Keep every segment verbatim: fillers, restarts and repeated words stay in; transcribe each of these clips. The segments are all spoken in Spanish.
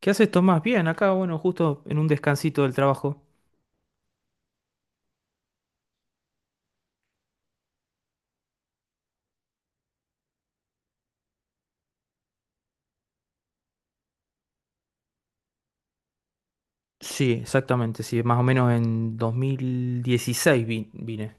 ¿Qué haces, Tomás? Bien, acá, bueno, justo en un descansito del trabajo. Sí, exactamente, sí, más o menos en dos mil dieciséis vi- vine.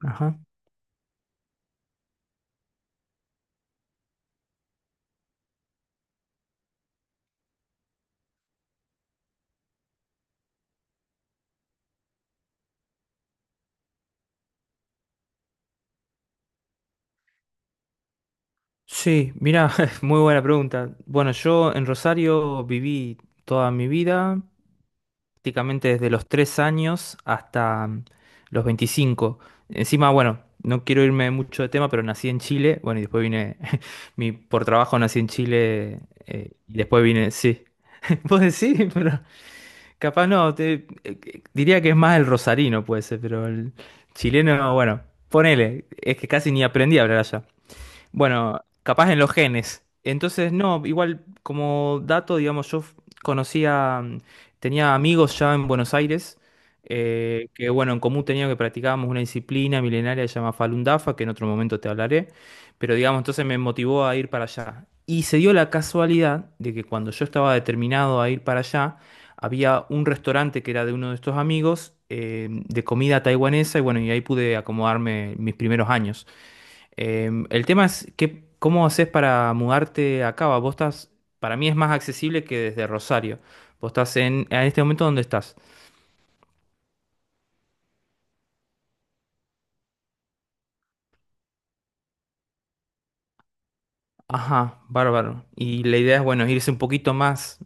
Ajá. Sí, mira, muy buena pregunta. Bueno, yo en Rosario viví toda mi vida, prácticamente desde los tres años hasta mm, los veinticinco. Encima, bueno, no quiero irme mucho de tema, pero nací en Chile, bueno, y después vine, mi, por trabajo nací en Chile, eh, y después vine, sí. ¿Vos decís? Pero. Capaz no, te- eh, eh, diría que es más el rosarino, puede ser, pero el chileno, bueno, ponele, es que casi ni aprendí a hablar allá. Bueno, capaz en los genes. Entonces, no, igual como dato, digamos, yo f- conocía, mm, tenía amigos ya en Buenos Aires, eh, que bueno, en común teníamos que practicábamos una disciplina milenaria que se llama Falun Dafa, que en otro momento te hablaré, pero digamos, entonces me motivó a ir para allá. Y se dio la casualidad de que cuando yo estaba determinado a ir para allá, había un restaurante que era de uno de estos amigos, eh, de comida taiwanesa, y bueno, y ahí pude acomodarme mis primeros años. Em, el tema es que, ¿cómo haces para mudarte a Cava? Vos estás, para mí es más accesible que desde Rosario. Vos estás en, en este momento, ¿dónde estás? Ajá, bárbaro. Y la idea es, bueno, irse un poquito más,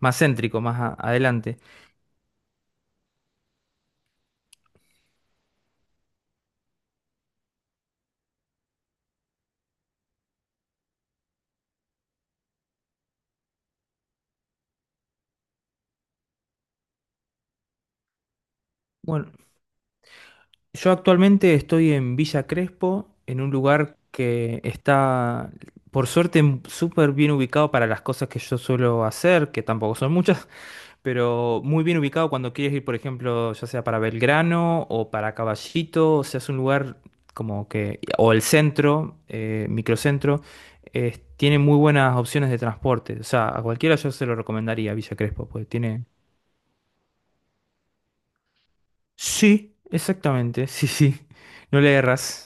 más céntrico, más a- adelante. Bueno, yo actualmente estoy en Villa Crespo, en un lugar que está, por suerte, m- súper bien ubicado para las cosas que yo suelo hacer, que tampoco son muchas. Pero muy bien ubicado cuando quieres ir, por ejemplo, ya sea para Belgrano o para Caballito, o sea, es un lugar como que, o el centro, eh, microcentro, eh, tiene muy buenas opciones de transporte. O sea, a cualquiera yo se lo recomendaría Villa Crespo, pues tiene. Sí, exactamente, sí, sí, no le erras.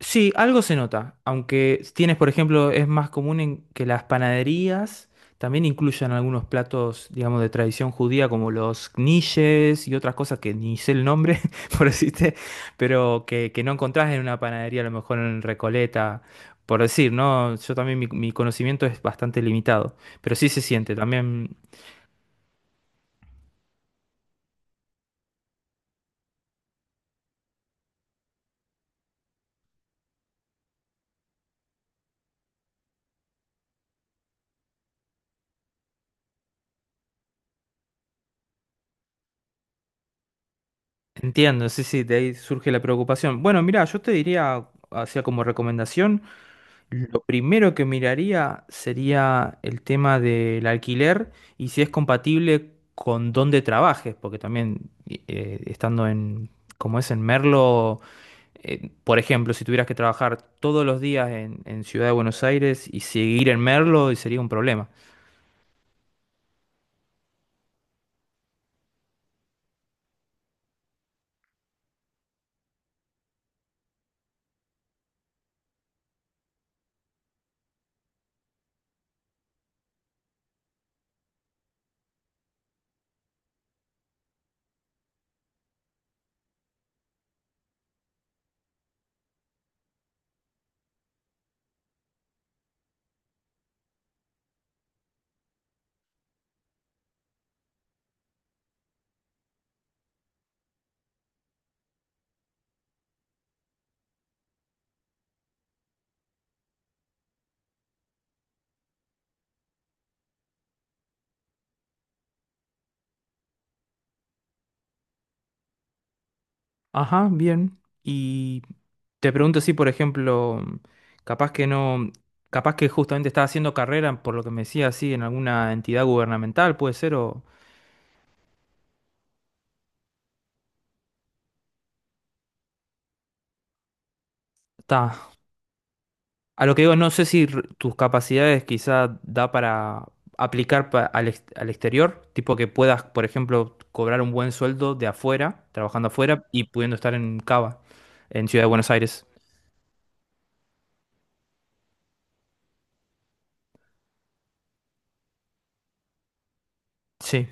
Sí, algo se nota, aunque tienes, por ejemplo, es más común en que las panaderías también incluyan algunos platos, digamos, de tradición judía, como los knishes y otras cosas que ni sé el nombre, por decirte, pero que, que no encontrás en una panadería, a lo mejor en Recoleta, por decir, ¿no? Yo también mi, mi conocimiento es bastante limitado, pero sí se siente, también entiendo, sí, sí, de ahí surge la preocupación. Bueno, mira, yo te diría, hacía como recomendación, lo primero que miraría sería el tema del alquiler y si es compatible con dónde trabajes, porque también eh, estando en, como es en Merlo, eh, por ejemplo, si tuvieras que trabajar todos los días en, en Ciudad de Buenos Aires y seguir en Merlo, sería un problema. Ajá, bien. Y te pregunto si, por ejemplo, capaz que no, capaz que justamente estás haciendo carrera, por lo que me decía así, en alguna entidad gubernamental, puede ser, o... Ta. A lo que digo, no sé si r- tus capacidades quizá da para aplicar pa- al, ex- al exterior, tipo que puedas, por ejemplo, cobrar un buen sueldo de afuera, trabajando afuera y pudiendo estar en Cava, en Ciudad de Buenos Aires. Sí.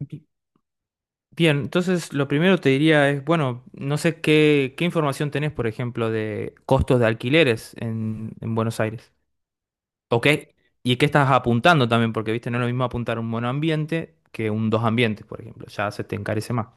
Bi- Bien, entonces lo primero te diría es, bueno, no sé qué, qué información tenés, por ejemplo, de costos de alquileres en, en Buenos Aires. ¿O qué? ¿Y qué estás apuntando también? Porque, viste, no es lo mismo apuntar un monoambiente que un dos ambientes, por ejemplo, ya se te encarece más.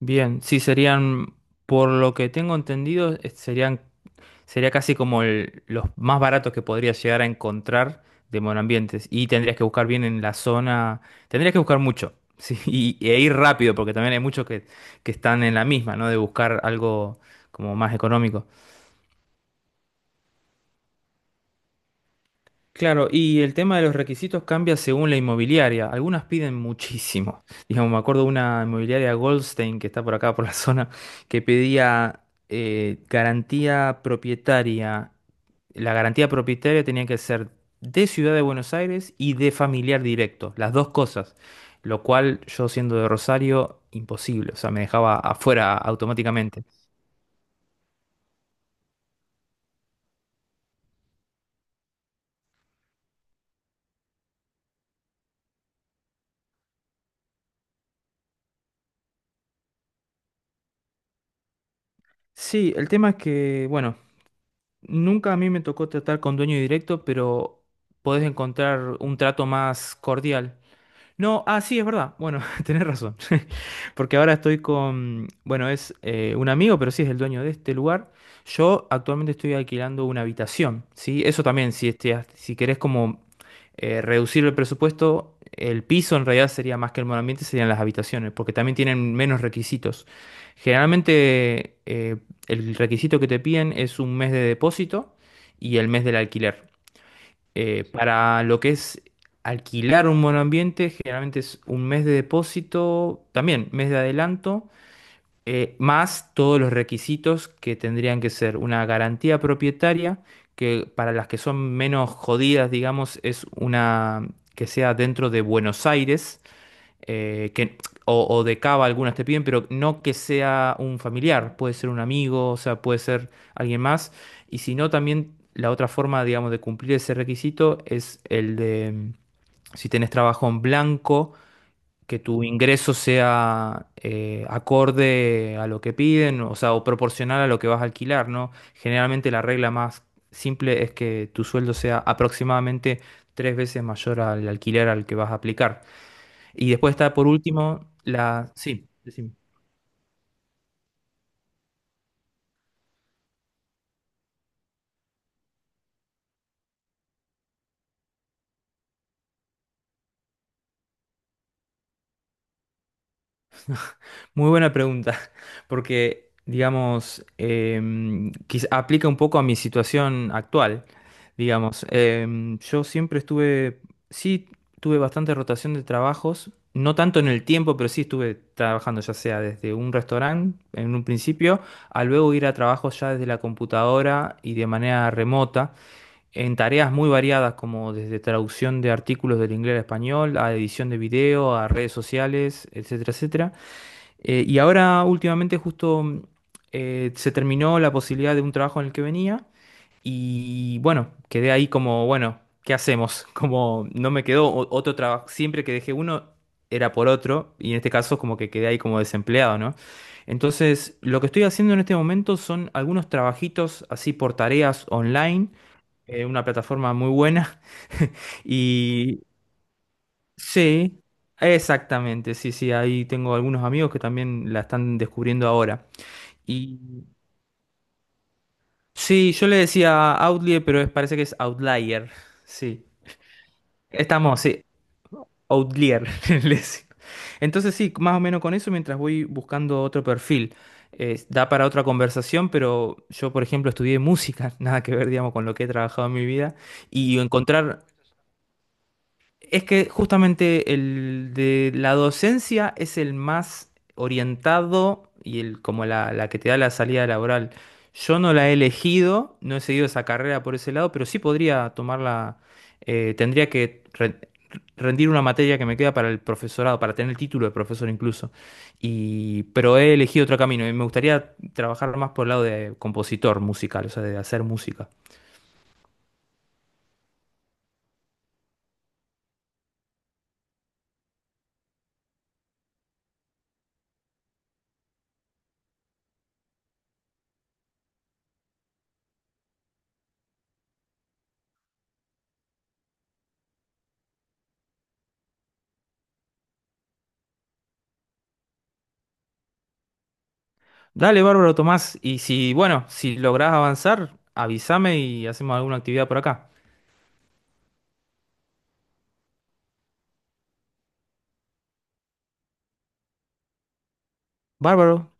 Bien, sí, serían, por lo que tengo entendido, es- serían, sería casi como el- los más baratos que podrías llegar a encontrar de monoambientes. Y tendrías que buscar bien en la zona, tendrías que buscar mucho, sí, y, e ir rápido, porque también hay muchos que, que están en la misma, ¿no? De buscar algo como más económico. Claro, y el tema de los requisitos cambia según la inmobiliaria. Algunas piden muchísimo. Digamos, me acuerdo de una inmobiliaria Goldstein que está por acá, por la zona, que pedía eh, garantía propietaria. La garantía propietaria tenía que ser de Ciudad de Buenos Aires y de familiar directo, las dos cosas. Lo cual yo siendo de Rosario, imposible. O sea, me dejaba afuera automáticamente. Sí, el tema es que, bueno, nunca a mí me tocó tratar con dueño directo, pero podés encontrar un trato más cordial. No, ah, sí, es verdad. Bueno, tenés razón. Porque ahora estoy con, bueno, es eh, un amigo, pero sí es el dueño de este lugar. Yo actualmente estoy alquilando una habitación, ¿sí? Eso también, si, este, si querés como eh, reducir el presupuesto, el piso en realidad sería más que el monoambiente, serían las habitaciones, porque también tienen menos requisitos. Generalmente eh, el requisito que te piden es un mes de depósito y el mes del alquiler. Eh, para lo que es alquilar un monoambiente, generalmente es un mes de depósito, también mes de adelanto, eh, más todos los requisitos que tendrían que ser una garantía propietaria, que para las que son menos jodidas, digamos, es una que sea dentro de Buenos Aires eh, que, o, o de cava algunas te piden, pero no que sea un familiar, puede ser un amigo, o sea, puede ser alguien más. Y si no, también la otra forma, digamos, de cumplir ese requisito es el de, mm, si tenés trabajo en blanco, que tu ingreso sea eh, acorde a lo que piden, o sea, o proporcional a lo que vas a alquilar, ¿no? Generalmente la regla más simple es que tu sueldo sea aproximadamente tres veces mayor al alquiler al que vas a aplicar. Y después está por último la... Sí, decime. Muy buena pregunta, porque digamos, em, quiz- aplica un poco a mi situación actual. Digamos, Em, yo siempre estuve, sí, tuve bastante rotación de trabajos, no tanto en el tiempo, pero sí estuve trabajando ya sea desde un restaurante en un principio, a luego ir a trabajos ya desde la computadora y de manera remota. En tareas muy variadas como desde traducción de artículos del inglés al español, a edición de video, a redes sociales, etcétera, etcétera. Eh, y ahora últimamente justo mm, eh, se terminó la posibilidad de un trabajo en el que venía y bueno, quedé ahí como, bueno, ¿qué hacemos? Como no me quedó o- otro trabajo, siempre que dejé uno era por otro y en este caso como que quedé ahí como desempleado, ¿no? Entonces, lo que estoy haciendo en este momento son algunos trabajitos así por tareas online eh, una plataforma muy buena. Y sí, exactamente, sí, sí, ahí tengo algunos amigos que también la están descubriendo ahora. Y sí, yo le decía Outlier, pero es- parece que es Outlier. Sí, estamos, sí, Outlier. le decía. Entonces sí, más o menos con eso mientras voy buscando otro perfil. Eh, da para otra conversación, pero yo, por ejemplo, estudié música, nada que ver, digamos, con lo que he trabajado en mi vida, y encontrar. Es que justamente el de la docencia es el más orientado y el como la, la que te da la salida laboral. Yo no la he elegido, no he seguido esa carrera por ese lado, pero sí podría tomarla, eh, tendría que re- rendir una materia que me queda para el profesorado, para tener el título de profesor incluso. Y, pero he elegido otro camino y me gustaría trabajar más por el lado de compositor musical, o sea, de hacer música. Dale, bárbaro, Tomás. Y si, bueno, si lográs avanzar, avísame y hacemos alguna actividad por acá. Bárbaro,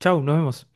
chau, nos vemos.